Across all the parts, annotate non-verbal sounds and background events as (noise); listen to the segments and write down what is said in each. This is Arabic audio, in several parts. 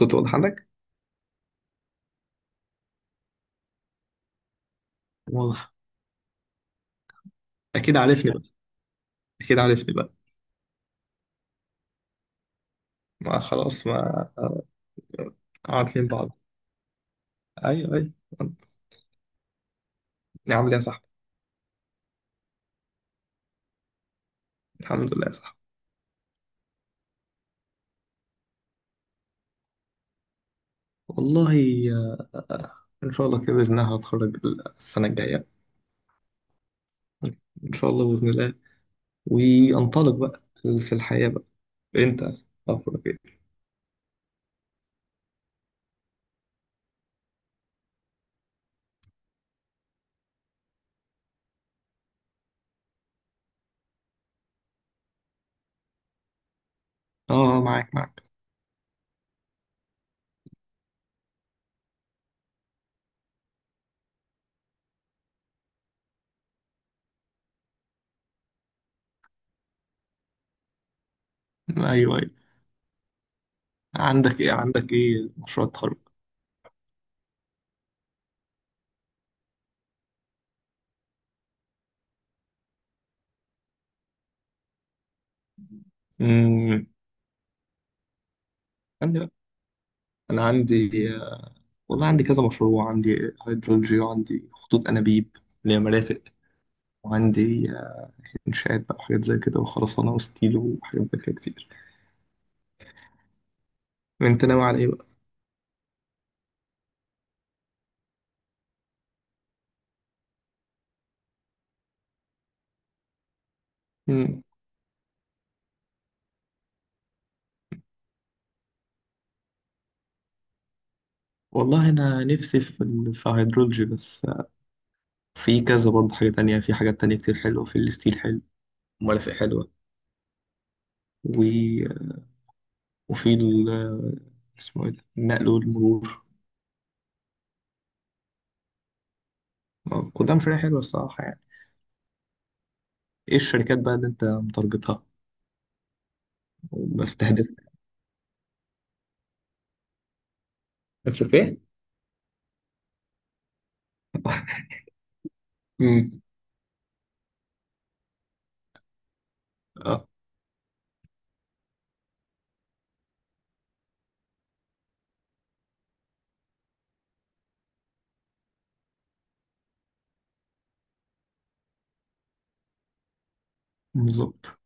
صوت واضح عندك؟ واضح. أكيد عارفني بقى. أكيد عارفني بقى. ما خلاص ما. عارفين بعض. أيوه أيوه. عامل إيه يا صاحبي؟ الحمد لله يا صاحبي. والله آه، إن شاء الله كده بإذن الله هتخرج السنة الجاية. إن شاء الله بإذن الله. وأنطلق بقى في الحياة بقى. أنت أخبرك إيه؟ أه، معاك معاك. أيوه أيوه. عندك إيه؟ عندك إيه مشروع التخرج؟ أمم، عندي بقى. أنا عندي، والله عندي كذا مشروع. عندي هيدرولوجي وعندي خطوط أنابيب اللي هي مرافق، وعندي إنشاءات بقى وحاجات زي كده، وخرسانة وستيلو وحاجات زي كده كتير. أنت ناوي على إيه بقى؟ مم. والله أنا نفسي في في هيدرولوجي، بس في كذا برضه حاجة تانية، في حاجات تانية كتير حلوة، في الستيل حلو، مرافق حلوة، و... وفي ال، اسمه إيه ده؟ النقل والمرور. كلها مشاريع حلوة الصراحة يعني. إيه الشركات بقى اللي أنت متارجتها وبستهدفها؟ نفسك في إيه؟ (laughs) مم. اه، بالظبط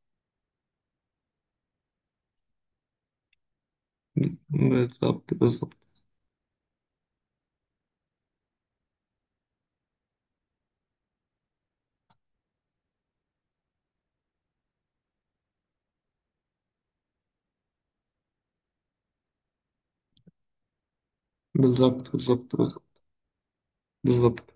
بالظبط. بالظبط بالظبط. بالظبط بالظبط.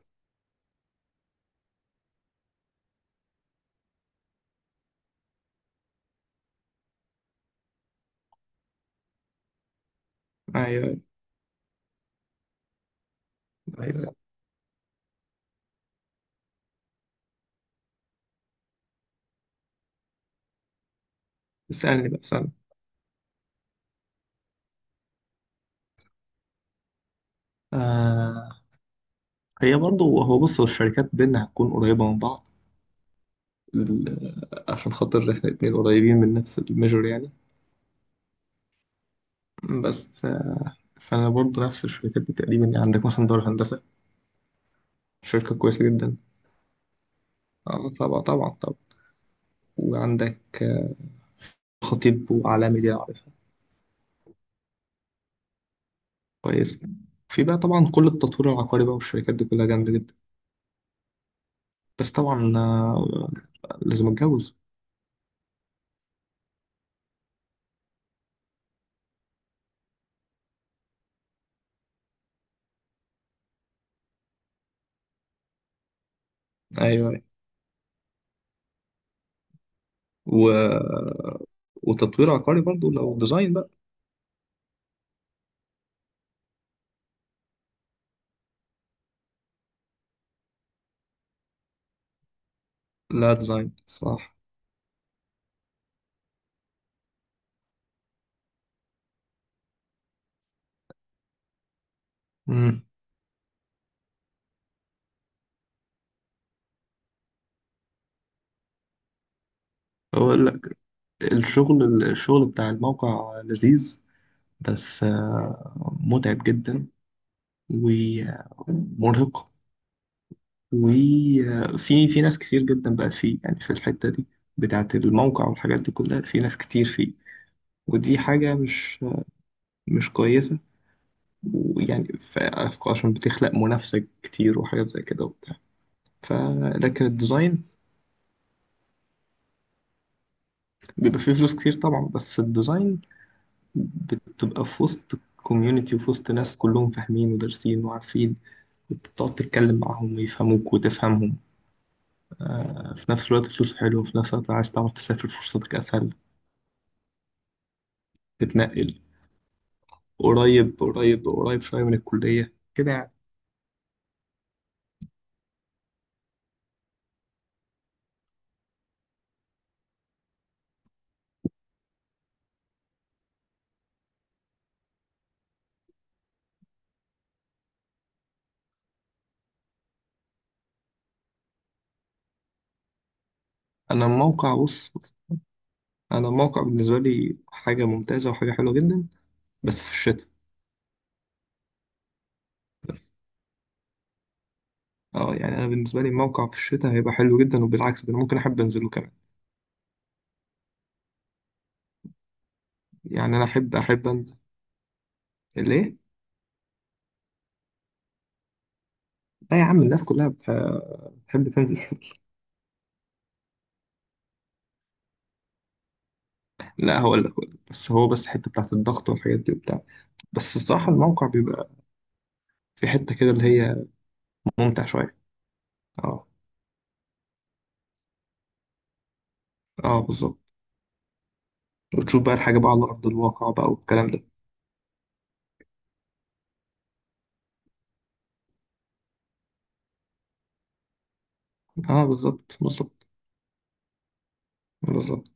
ايوه ايوه. اسالني بقى اسالني. آه، هي برضو، هو بص، هو الشركات بينا هتكون قريبة من بعض. عشان خاطر احنا اتنين قريبين من نفس الميجور يعني. بس فانا برضو نفس الشركات دي تقريبا يعني. عندك مثلا دار الهندسة، شركة كويسة جدا. طبعا طبعا طبعا. وعندك، خطيب وعلامي دي أنا عارفها كويس. في بقى طبعا كل التطوير العقاري بقى، والشركات دي كلها جامدة جدا. بس طبعا لازم اتجوز. ايوه أيوة. و... وتطوير عقاري برضو لو ديزاين بقى. لا، ديزاين صح. امم. اقول لك، الشغل بتاع الموقع لذيذ، بس متعب جدا ومرهق. وفي، في ناس كتير جدا بقى فيه يعني، في الحتة دي بتاعة الموقع والحاجات دي كلها، في ناس كتير فيه، ودي حاجة مش كويسة. ويعني عشان بتخلق منافسة كتير وحاجات زي كده وبتاع. ف، لكن الديزاين، بيبقى فيه فلوس كتير طبعا، بس الديزاين بتبقى في وسط كوميونتي، وفي وسط ناس كلهم فاهمين ودارسين وعارفين، وتقعد تتكلم معاهم ويفهموك وتفهمهم. في نفس الوقت فلوس حلوة، وفي نفس الوقت عايز تعرف تسافر فرصتك أسهل، تتنقل. قريب قريب قريب شوية من الكلية كده يعني. أنا الموقع بص بص، أنا الموقع بالنسبة لي حاجة ممتازة وحاجة حلوة جدا، بس في الشتاء. اه يعني انا بالنسبه لي الموقع في الشتاء هيبقى حلو جدا، وبالعكس ده انا ممكن احب انزله كمان. يعني انا احب انزل. ليه. لا يا عم، الناس كلها بتحب تنزل. لا، هقول لك هقول لك. بس هو، بس الحته بتاعت الضغط والحاجات دي وبتاع. بس الصراحه الموقع بيبقى في حته كده اللي هي ممتع شويه. اه. اه بالظبط. وتشوف بقى الحاجه بقى على ارض الواقع بقى والكلام ده. اه بالظبط بالظبط بالظبط.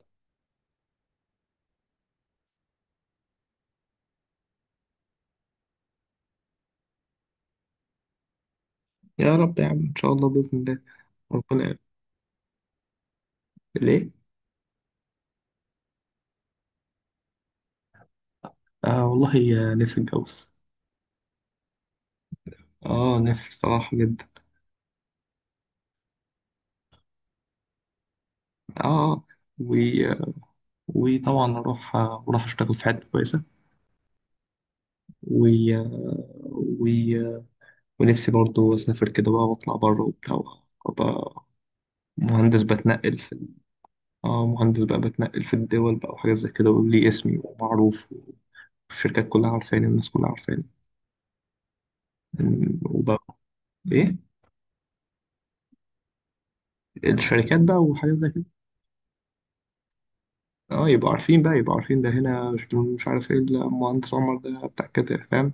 يا رب يا عم، ان شاء الله باذن الله. ربنا. ليه. والله يا، نفسي اتجوز. اه نفسي الصراحه جدا. اه و... وطبعا اروح اشتغل في حته كويسه. و... و... ونفسي برضو اسافر كده بقى واطلع بره وبتاع. وأبقى مهندس بتنقل في اه مهندس بقى بتنقل في الدول بقى وحاجات زي كده، وليه اسمي ومعروف، والشركات كلها عارفاني والناس كلها عارفاني. وبقى، ايه، الشركات بقى وحاجات زي كده. اه يبقوا عارفين بقى، يبقوا عارفين ده هنا شكله مش عارف ايه، لا، مهندس عمر ده بتاع كده، فاهم.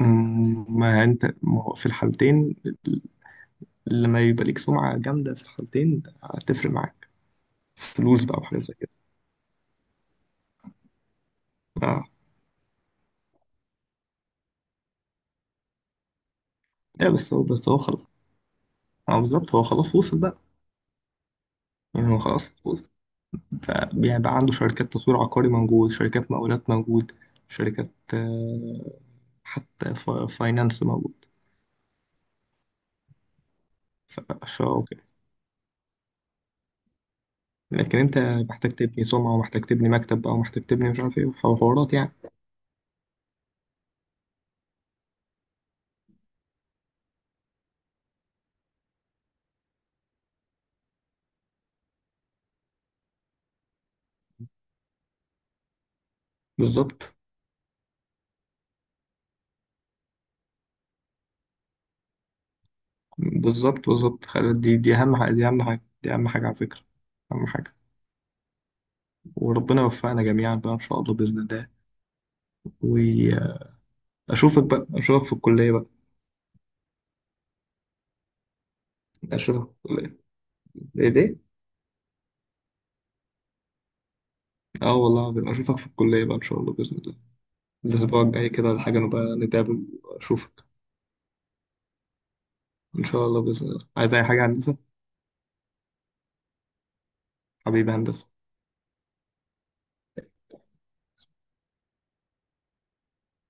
مم، ما انت، ما هو في الحالتين، لما يبقى ليك سمعة جامدة في الحالتين هتفرق معاك. فلوس بقى وحاجات زي كده. اه. ايه بس هو، بس هو خلاص. اه بالظبط، هو خلاص وصل بقى. يعني هو خلاص وصل. فبيبقى عنده شركات تطوير عقاري موجود، شركات مقاولات موجود، شركات، حتى فاينانس موجود. فشو كده. لكن انت محتاج تبني سمعة، ومحتاج تبني مكتب، او محتاج تبني مش عارف ايه وحوارات يعني. بالظبط بالظبط بالظبط. دي، دي اهم حاجة، دي اهم حاجة، دي اهم حاجة على فكرة. اهم حاجة. وربنا يوفقنا جميعا بقى ان شاء الله باذن الله. واشوفك بقى، اشوفك في الكلية بقى. اشوفك في الكلية. ايه ده. اه والله العظيم اشوفك في الكلية بقى ان شاء الله باذن الله. الأسبوع الجاي كده الحاجة نبقى نتقابل وأشوفك. إن شاء الله بإذن الله. عايز أي حاجة يا هندسة؟ حبيبي هندسة.